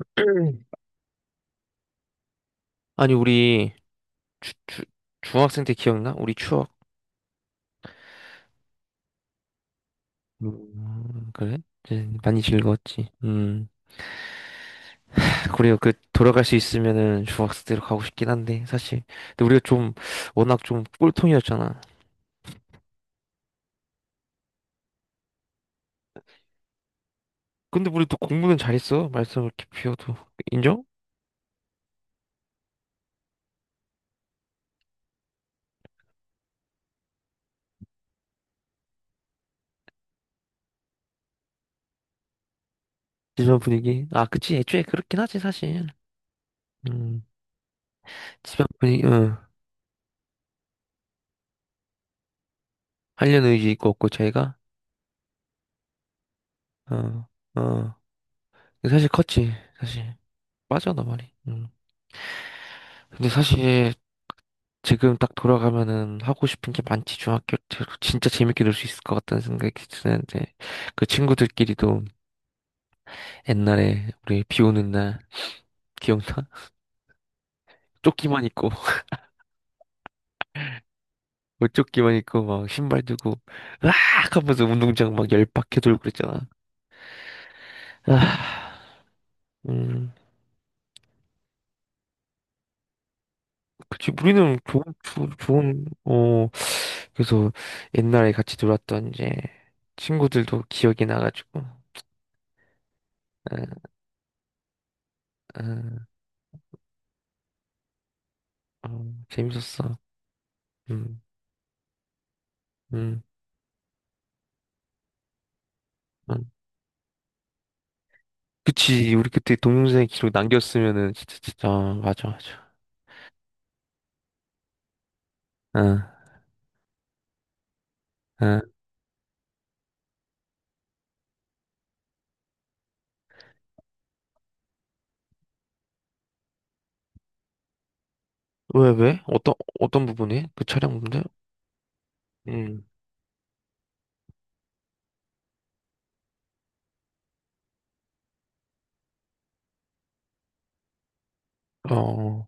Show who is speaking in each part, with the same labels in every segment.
Speaker 1: 아니, 우리 주, 주, 중학생 때 기억나? 우리 추억. 그래? 이제 많이 즐거웠지. 음. 그래요. 그 돌아갈 수 있으면은 중학생 때로 가고 싶긴 한데 사실. 근데 우리가 좀 워낙 좀 꼴통이었잖아. 근데 우리 또 공부는 잘했어. 말썽을 이렇게 피워도 인정? 집안 분위기. 아, 그치. 애초에 그렇긴 하지 사실. 음. 집안 분위기. 응. 하려는 의지 있고 없고 저희가. 어. 어. 사실 컸지. 사실. 빠져나 말이. 음. 근데 사실. 지금 딱 돌아가면은 하고 싶은 게 많지, 중학교 때로. 진짜 재밌게 놀 수 있을 것 같다는 생각이 드는데, 그 친구들끼리도 옛날에 우리 비 오는 날, 기억나? 조끼만 입고, 옷조끼만 입고, 막 신발 들고, 으악! 하면서 운동장 막 열 박해 돌고 그랬잖아. 아, 음, 그치, 우리는 좋은, 어, 그래서 옛날에 같이 놀았던 이제 친구들도 기억이 나가지고, 아, 아, 어, 재밌었어. 음, 음. 음. 그치, 우리 그때 동영상 기록 남겼으면은 진짜 어, 맞아. 응, 응. 왜? 어떤 부분이? 그 촬영 부분들? 응 어.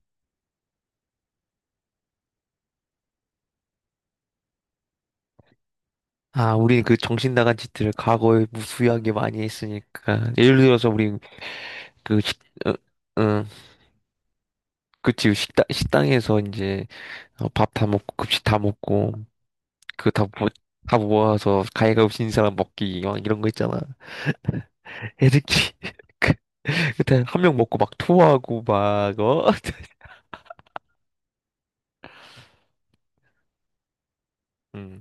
Speaker 1: 아, 우리 그 정신 나간 짓들을 과거에 무수하게 많이 했으니까. 예를 들어서 우리 그 식, 어, 응, 그치, 그 식당 식당에서 이제 밥 다 먹고 급식 다 먹고 그 다 모, 다 모아서 가위가위보 진 사람 먹기 막 이런 거 있잖아. 애들끼리 그때 한 명 먹고 막 토하고 막 어. 응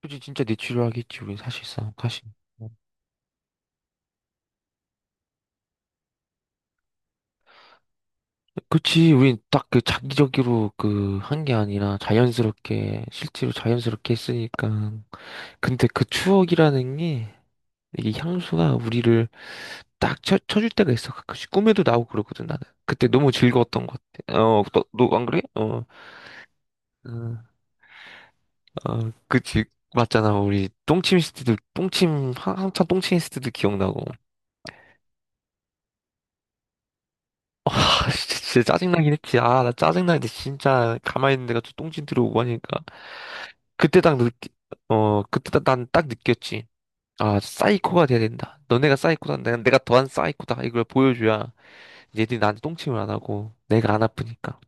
Speaker 1: 그치, 진짜 내 치료하겠지, 우린 사실상, 사실. 그치, 우린 딱 그 자기적으로 그 한 게 아니라 자연스럽게, 실제로 자연스럽게 했으니까. 근데 그 추억이라는 게, 이 향수가 우리를 딱 쳐줄 때가 있어. 가끔씩 꿈에도 나오고 그러거든, 나는. 그때 너무 즐거웠던 것 같아. 어, 너 안 그래? 어, 응. 어, 그치. 맞잖아, 우리 똥침 했을 때도, 똥침, 한참 똥침 했을 때도 기억나고. 아, 진짜 짜증나긴 했지. 아, 나 짜증나는데 진짜 가만히 있는 데가 또 똥진 들어오고 하니까. 그때 딱 느끼, 어, 그때 난 딱 느꼈지. 아, 사이코가 돼야 된다. 너네가 사이코다. 내가 더한 사이코다. 이걸 보여줘야 얘들이 나한테 똥침을 안 하고 내가 안 아프니까.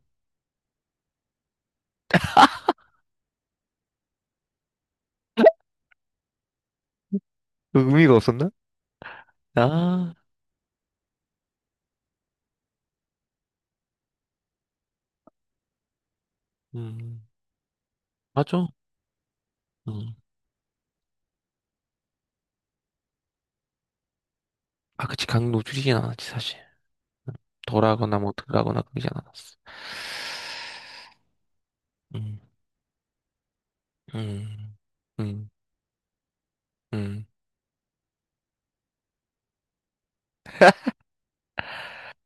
Speaker 1: 의미가 없었나? 아, 음, 맞아. 음. 아, 그치. 강도 줄이진 않았지, 사실. 덜하거나 뭐 덜하거나 그러진 않았어. 음, 음, 음, 음.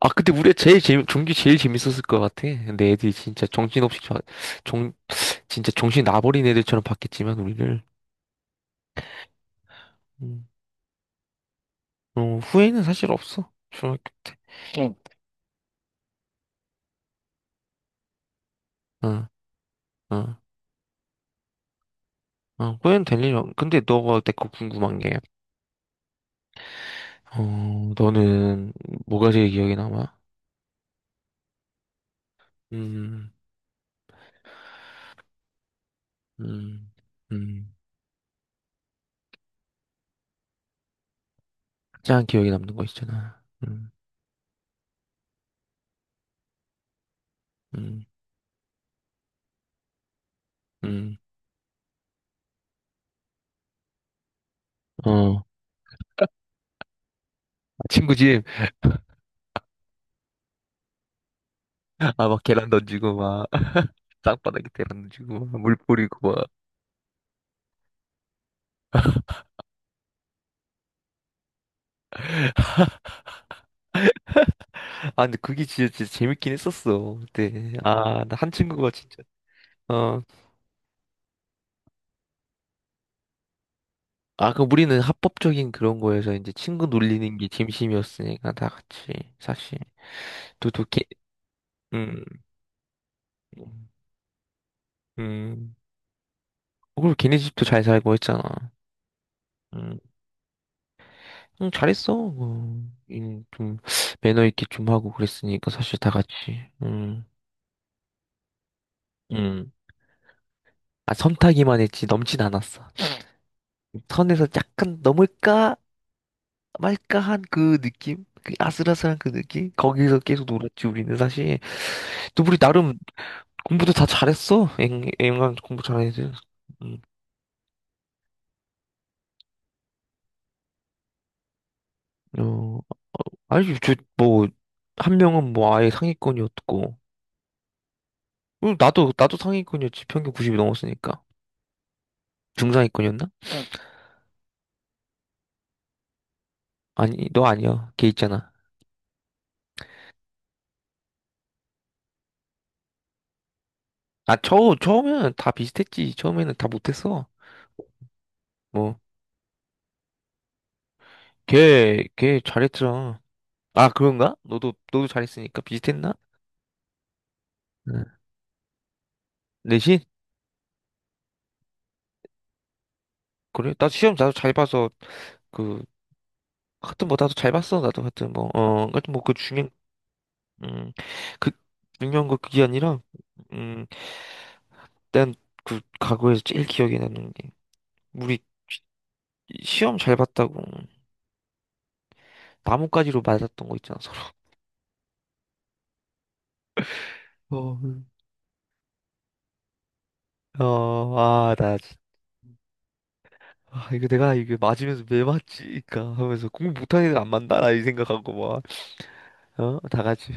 Speaker 1: 아, 근데 우리가 제일 재미, 종기 제일 재밌었을 것 같아. 근데 애들이 진짜 정신없이, 정, 진짜 정신 나버린 애들처럼 봤겠지만, 우리를. 음, 어, 후회는 사실 없어. 중학교 때. 어, 어, 어, 후회는 될 일 없. 근데 너가 내 거 궁금한 게, 어, 너는 뭐가 제일 기억에 남아? 음, 음, 음. 가장 기억에 남는 거 있잖아. 음, 음, 음. 어, 친구 집, 아, 막 계란 던지고, 막, 땅바닥에 계란 던지고, 막, 물 뿌리고, 아, 근데 그게 진짜 재밌긴 했었어. 그때. 아, 나 한 친구가 진짜. 어. 아, 그럼 우리는 합법적인 그런 거여서 이제 친구 놀리는 게 진심이었으니까 다 같이, 사실. 또, 또, 걔, 음, 음. 그리고 걔네 집도 잘 살고 했잖아. 음, 응, 잘했어. 어, 좀, 매너 있게 좀 하고 그랬으니까 사실 다 같이. 음, 음. 아, 선타기만 했지, 넘진 않았어. 선에서 약간 넘을까? 말까한 그 느낌? 그 아슬아슬한 그 느낌? 거기서 계속 놀았지, 우리는 사실. 또 우리 나름 공부도 다 잘했어. 앵간 공부 잘해야지. 음, 어, 아니, 저, 뭐, 한 명은 뭐 아예 상위권이었고. 응, 나도 상위권이었지. 평균 90이 넘었으니까. 중상위권이었나? 아니, 너 아니야. 걔 있잖아. 아, 처음에는 다 비슷했지. 처음에는 다 못했어. 뭐, 걔 잘했잖아. 아, 그런가? 너도 잘했으니까 비슷했나? 응. 내신? 그래? 나 시험 나도 잘 봐서 그 하여튼 뭐 나도 잘 봤어 나도 하여튼 뭐어 하여튼 뭐 그 중요한 음그 중요한 거 그게 아니라 음난그 과거에서 제일 기억에 남는 게 우리 시험 잘 봤다고 나뭇가지로 맞았던 거 있잖아 서로 어아나 아, 나, 진- 아, 이거 내가 이게 맞으면서 왜 맞지? 그니까 하면서 공부 못하는 애들 안 만나나 이 생각하고 막 어 다 같이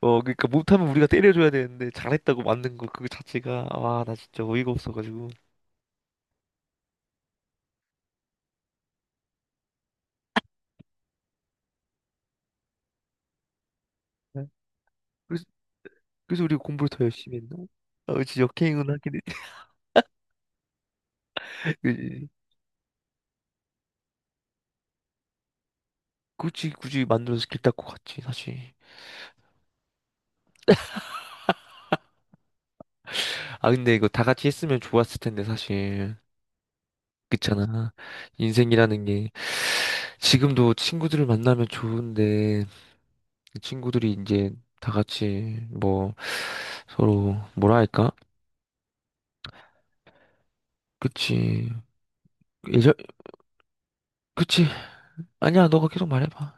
Speaker 1: 어, 그러니까 못하면 우리가 때려줘야 되는데 잘했다고 맞는 거 그거 자체가 와, 나 진짜 어이가 없어가지고. 네. 그래서 그래서 우리가 공부를 더 열심히 했나? 아, 그치 역행은 하긴 했지. 그치. 굳이 만들어서 길 닦고 갔지 사실. 아 근데 이거 다 같이 했으면 좋았을 텐데 사실. 그렇잖아. 인생이라는 게 지금도 친구들을 만나면 좋은데 그 친구들이 이제 다 같이 뭐 서로 뭐라 할까? 그치. 예전 그치. 아니야 너가 계속 말해봐.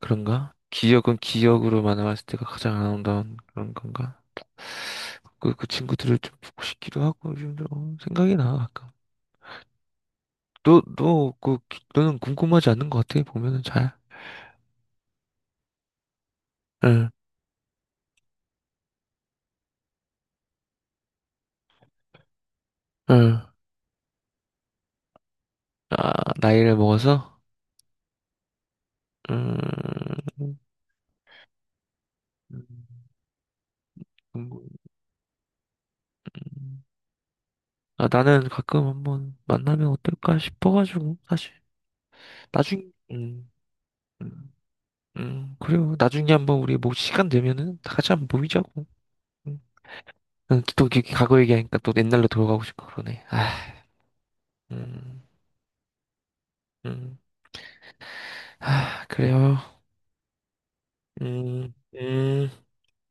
Speaker 1: 그런가? 기억은 기억으로만 남았을 때가 가장 아름다운 그런 건가? 그 친구들을 좀 보고 싶기도 하고 요즘 좀 어, 생각이 나 아까 너는 궁금하지 않는 것 같아 보면은 잘 응, 응. 아, 나이를 먹어서 음, 음, 음. 아, 나는 가끔 한번 만나면 어떨까 싶어가지고 사실 나중 음, 그래요 나중에 한번 우리 뭐 시간 되면은 다 같이 한번 모이자고 음. 응, 또 이렇게 과거 얘기하니까 또 옛날로 돌아가고 싶고 그러네. 아, 음, 음, 아, 그래요. 음, 음.